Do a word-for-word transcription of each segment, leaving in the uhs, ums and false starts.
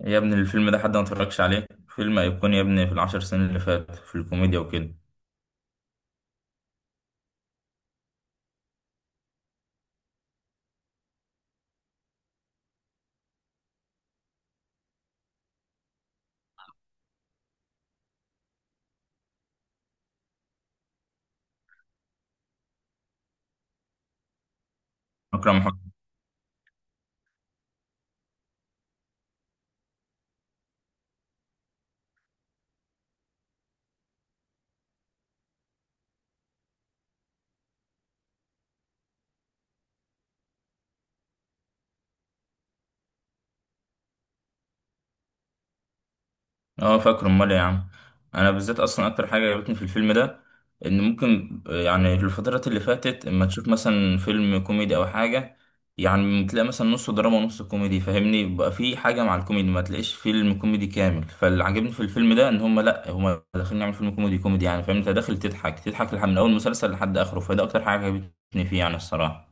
يا ابني الفيلم ده حد ما اتفرجش عليه، فيلم أيقوني يا ابني في العشر سنين اللي فات في الكوميديا وكده. أكرم حسني. اه، فاكره. امال إيه يا عم؟ انا بالذات اصلا اكتر حاجه عجبتني في الفيلم ده ان ممكن يعني في الفترات اللي فاتت اما تشوف مثلا فيلم كوميدي او حاجه، يعني تلاقي مثلا نص دراما ونص كوميدي، فاهمني؟ بقى في حاجه مع الكوميدي ما تلاقيش فيلم كوميدي كامل، فاللي عجبني في الفيلم ده ان هم، لا، هم داخلين يعملوا فيلم كوميدي كوميدي، يعني فاهم انت داخل تضحك تضحك لح- من اول مسلسل لحد اخره، فده اكتر حاجه عجبتني فيه يعني الصراحه.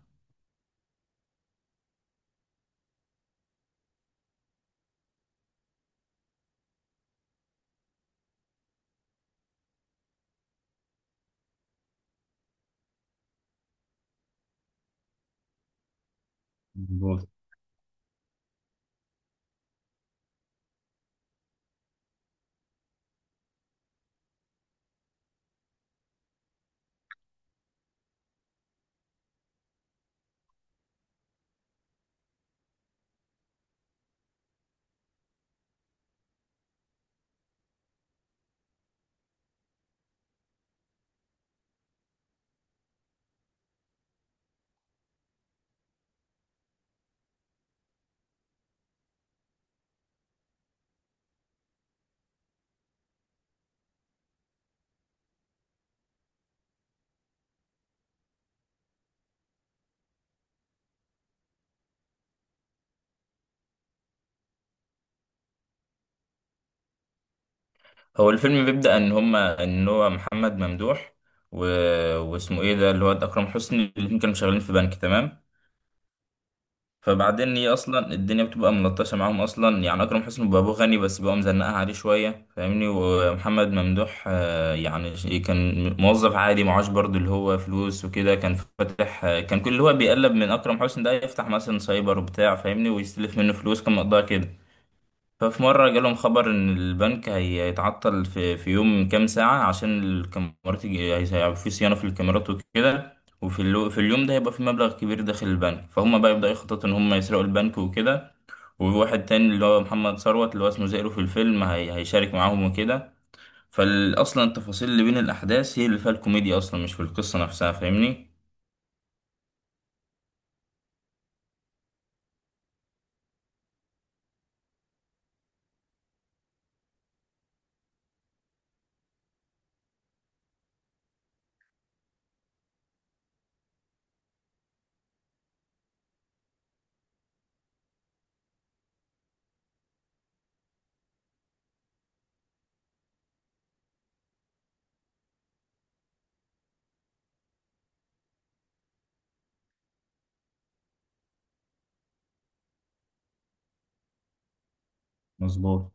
مظبوط. هو الفيلم بيبدأ ان هما ان هو محمد ممدوح و... واسمه ايه ده اللي هو اكرم حسني، الاتنين كانوا شغالين في بنك، تمام؟ فبعدين هي اصلا الدنيا بتبقى ملطشه معاهم اصلا، يعني اكرم حسني بيبقى ابوه غني بس بيبقى مزنقها عليه شويه، فاهمني؟ ومحمد ممدوح آه، يعني ش- كان موظف عادي معاش برضه اللي هو فلوس وكده، كان فاتح آه، كان كل اللي هو بيقلب من اكرم حسني ده يفتح مثلا سايبر وبتاع، فاهمني؟ ويستلف منه فلوس كان مقدار كده. ففي مرة جالهم خبر إن البنك هي- هيتعطل في, في يوم كام ساعة عشان الكاميرات الج- هي- هيبقى في صيانة في الكاميرات وكده. وفي الو... في اليوم ده هيبقى في مبلغ كبير داخل البنك، فهم بقى يبدأوا يخططوا إن هم يسرقوا البنك وكده. وواحد تاني اللي هو محمد ثروت اللي هو اسمه زئرو في الفيلم هي... هيشارك معاهم وكده. فأصلا التفاصيل اللي بين الأحداث هي اللي فيها الكوميديا أصلا، مش في القصة نفسها، فاهمني؟ مظبوط.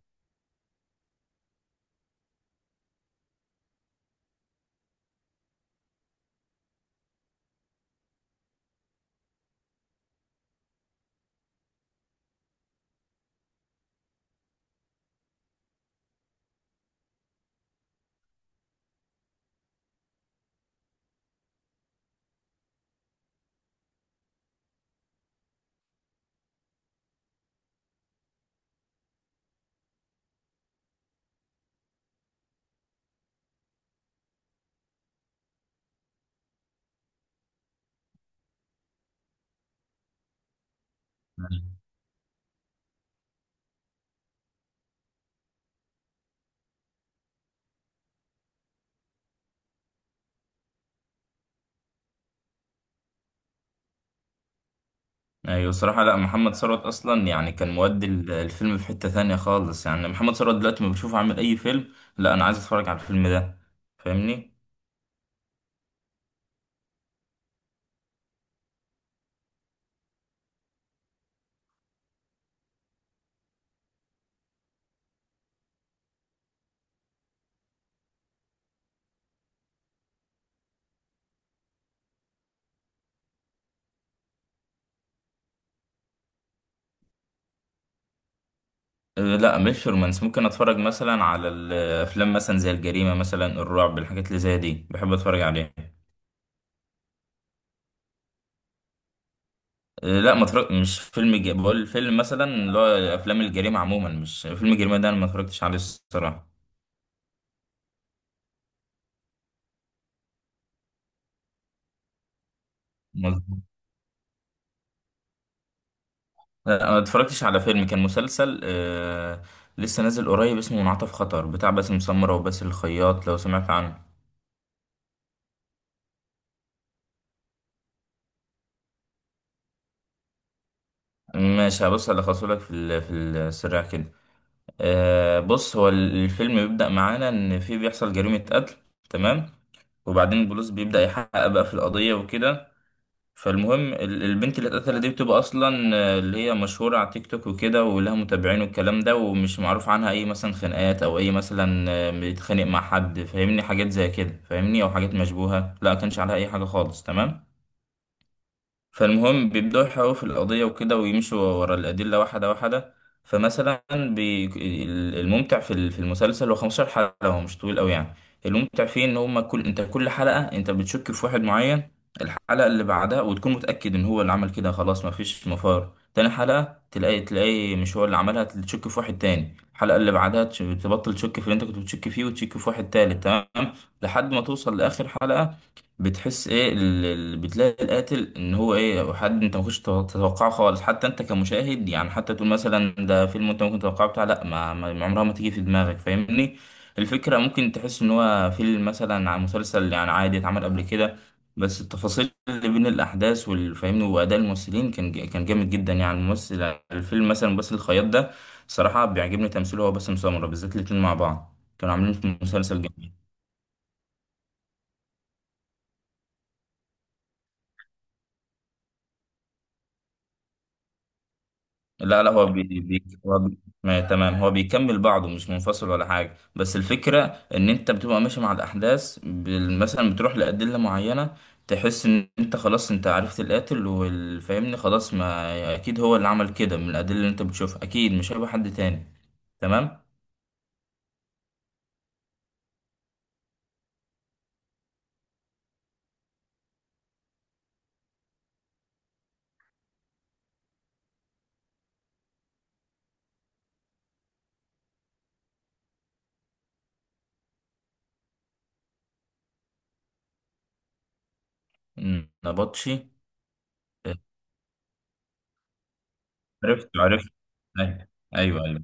ايوه الصراحة، لا، محمد ثروت اصلا يعني كان مودي ال- الفيلم في حتة تانية خالص، يعني محمد ثروت دلوقتي ما بشوفه عامل اي فيلم، لا انا عايز اتفرج على الفيلم ده، فاهمني. أه لا مش رومانس، ممكن اتفرج مثلا على الافلام مثلا زي الجريمة مثلا الرعب، الحاجات اللي زي دي بحب اتفرج عليها. أه لا ما اتفرج مش فيلم ج... بقول فيلم مثلا اللي هو افلام الجريمة عموما، مش فيلم الجريمة ده انا ما اتفرجتش عليه الصراحة. لا، انا اتفرجتش على فيلم، كان مسلسل آه لسه نازل قريب، اسمه منعطف خطر بتاع باسم سمرة وباسل الخياط، لو سمعت عنه. ماشي، هبص الخصه لك في ال- في السريع كده. آه بص، هو الفيلم بيبدأ معانا ان في بيحصل جريمة قتل، تمام؟ وبعدين البوليس بيبدأ يحقق بقى في القضية وكده. فالمهم ال- البنت اللي اتقتلت دي بتبقى اصلا آه، اللي هي مشهوره على تيك توك وكده ولها متابعين والكلام ده، ومش معروف عنها اي مثلا خناقات او اي مثلا آه، بتتخانق مع حد، فاهمني؟ حاجات زي كده، فاهمني؟ او حاجات مشبوهه، لا كانش عليها اي حاجه خالص، تمام. فالمهم بيبدأوا يحققوا في القضية وكده، ويمشوا ورا الأدلة واحدة واحدة. فمثلا بي... ال- الممتع في ال- في المسلسل، هو خمستاشر حلقة، هو مش طويل قوي يعني. الممتع فيه إن هما كل أنت كل حلقة أنت بتشك في واحد معين، الحلقة اللي بعدها وتكون متأكد إن هو اللي عمل كده خلاص مفيش مفار، تاني حلقة تلاقي تلاقي مش هو اللي عملها، تشك في واحد تاني، الحلقة اللي بعدها تش- تبطل تشك في اللي أنت كنت بتشك فيه وتشك في واحد تالت، تمام؟ لحد ما توصل لآخر حلقة، بتحس ايه ال- ال- بتلاقي القاتل ان هو ايه حد انت ما كنتش تتوقع- تتوقعه خالص، حتى انت كمشاهد يعني، حتى تقول مثلا ده فيلم انت ممكن تتوقعه بتاع، لا ما ما- عمرها ما تيجي في دماغك، فاهمني؟ الفكرة ممكن تحس ان هو فيلم مثلا عن مسلسل يعني عادي اتعمل قبل كده، بس التفاصيل اللي بين الاحداث والفاهمني واداء الممثلين كان ج- كان جامد جدا يعني. الممثل الفيلم مثلا باسل الخياط ده صراحة بيعجبني تمثيله، هو باسم سمرة بالذات الاتنين مع بعض كانوا عاملين في مسلسل جامد. لا، لا، هو بي بي هو بي ما تمام، هو بيكمل بعضه مش منفصل ولا حاجة، بس الفكرة ان انت بتبقى ماشي مع الاحداث بال- مثلا بتروح لأدلة معينة، تحس ان انت خلاص انت عرفت القاتل والفاهمني خلاص، ما اكيد هو اللي عمل كده من الأدلة اللي انت بتشوفها، اكيد مش هيبقى حد تاني، تمام. مم. نبطشي. عرفت، عرفت. ايوه. ايوه.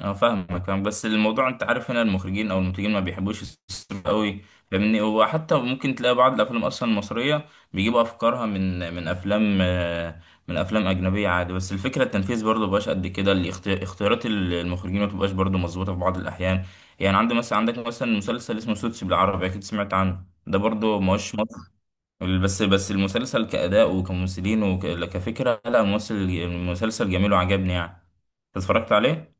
اه فاهمك، فاهم، بس الموضوع انت عارف هنا المخرجين او المنتجين ما بيحبوش يصرفوا قوي، فاهمني؟ وحتى ممكن تلاقي بعض الافلام اصلا المصريه بيجيبوا افكارها من من افلام آه، من افلام اجنبيه عادي، بس الفكره التنفيذ برضه مبقاش قد كده، الاخت- اختيارات ال- المخرجين ما بتبقاش برضه مظبوطه في بعض الاحيان. يعني عندك مثلا عندك مثلا مسلسل اسمه سوتس بالعربي، اكيد سمعت عنه، ده برضه ماهوش مصر، بس بس المسلسل كاداء وكممثلين وكفكره، لا الممثل المسلسل جميل وعجبني يعني، اتفرجت عليه.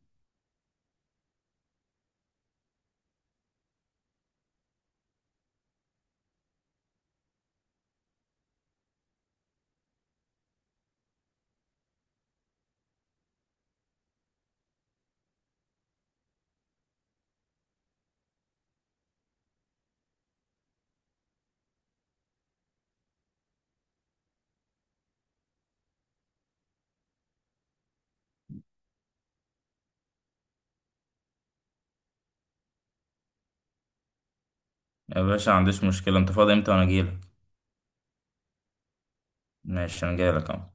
يا باشا ما عنديش مشكلة، انت فاضي امتى وانا اجيلك؟ ماشي انا جايلك اهو.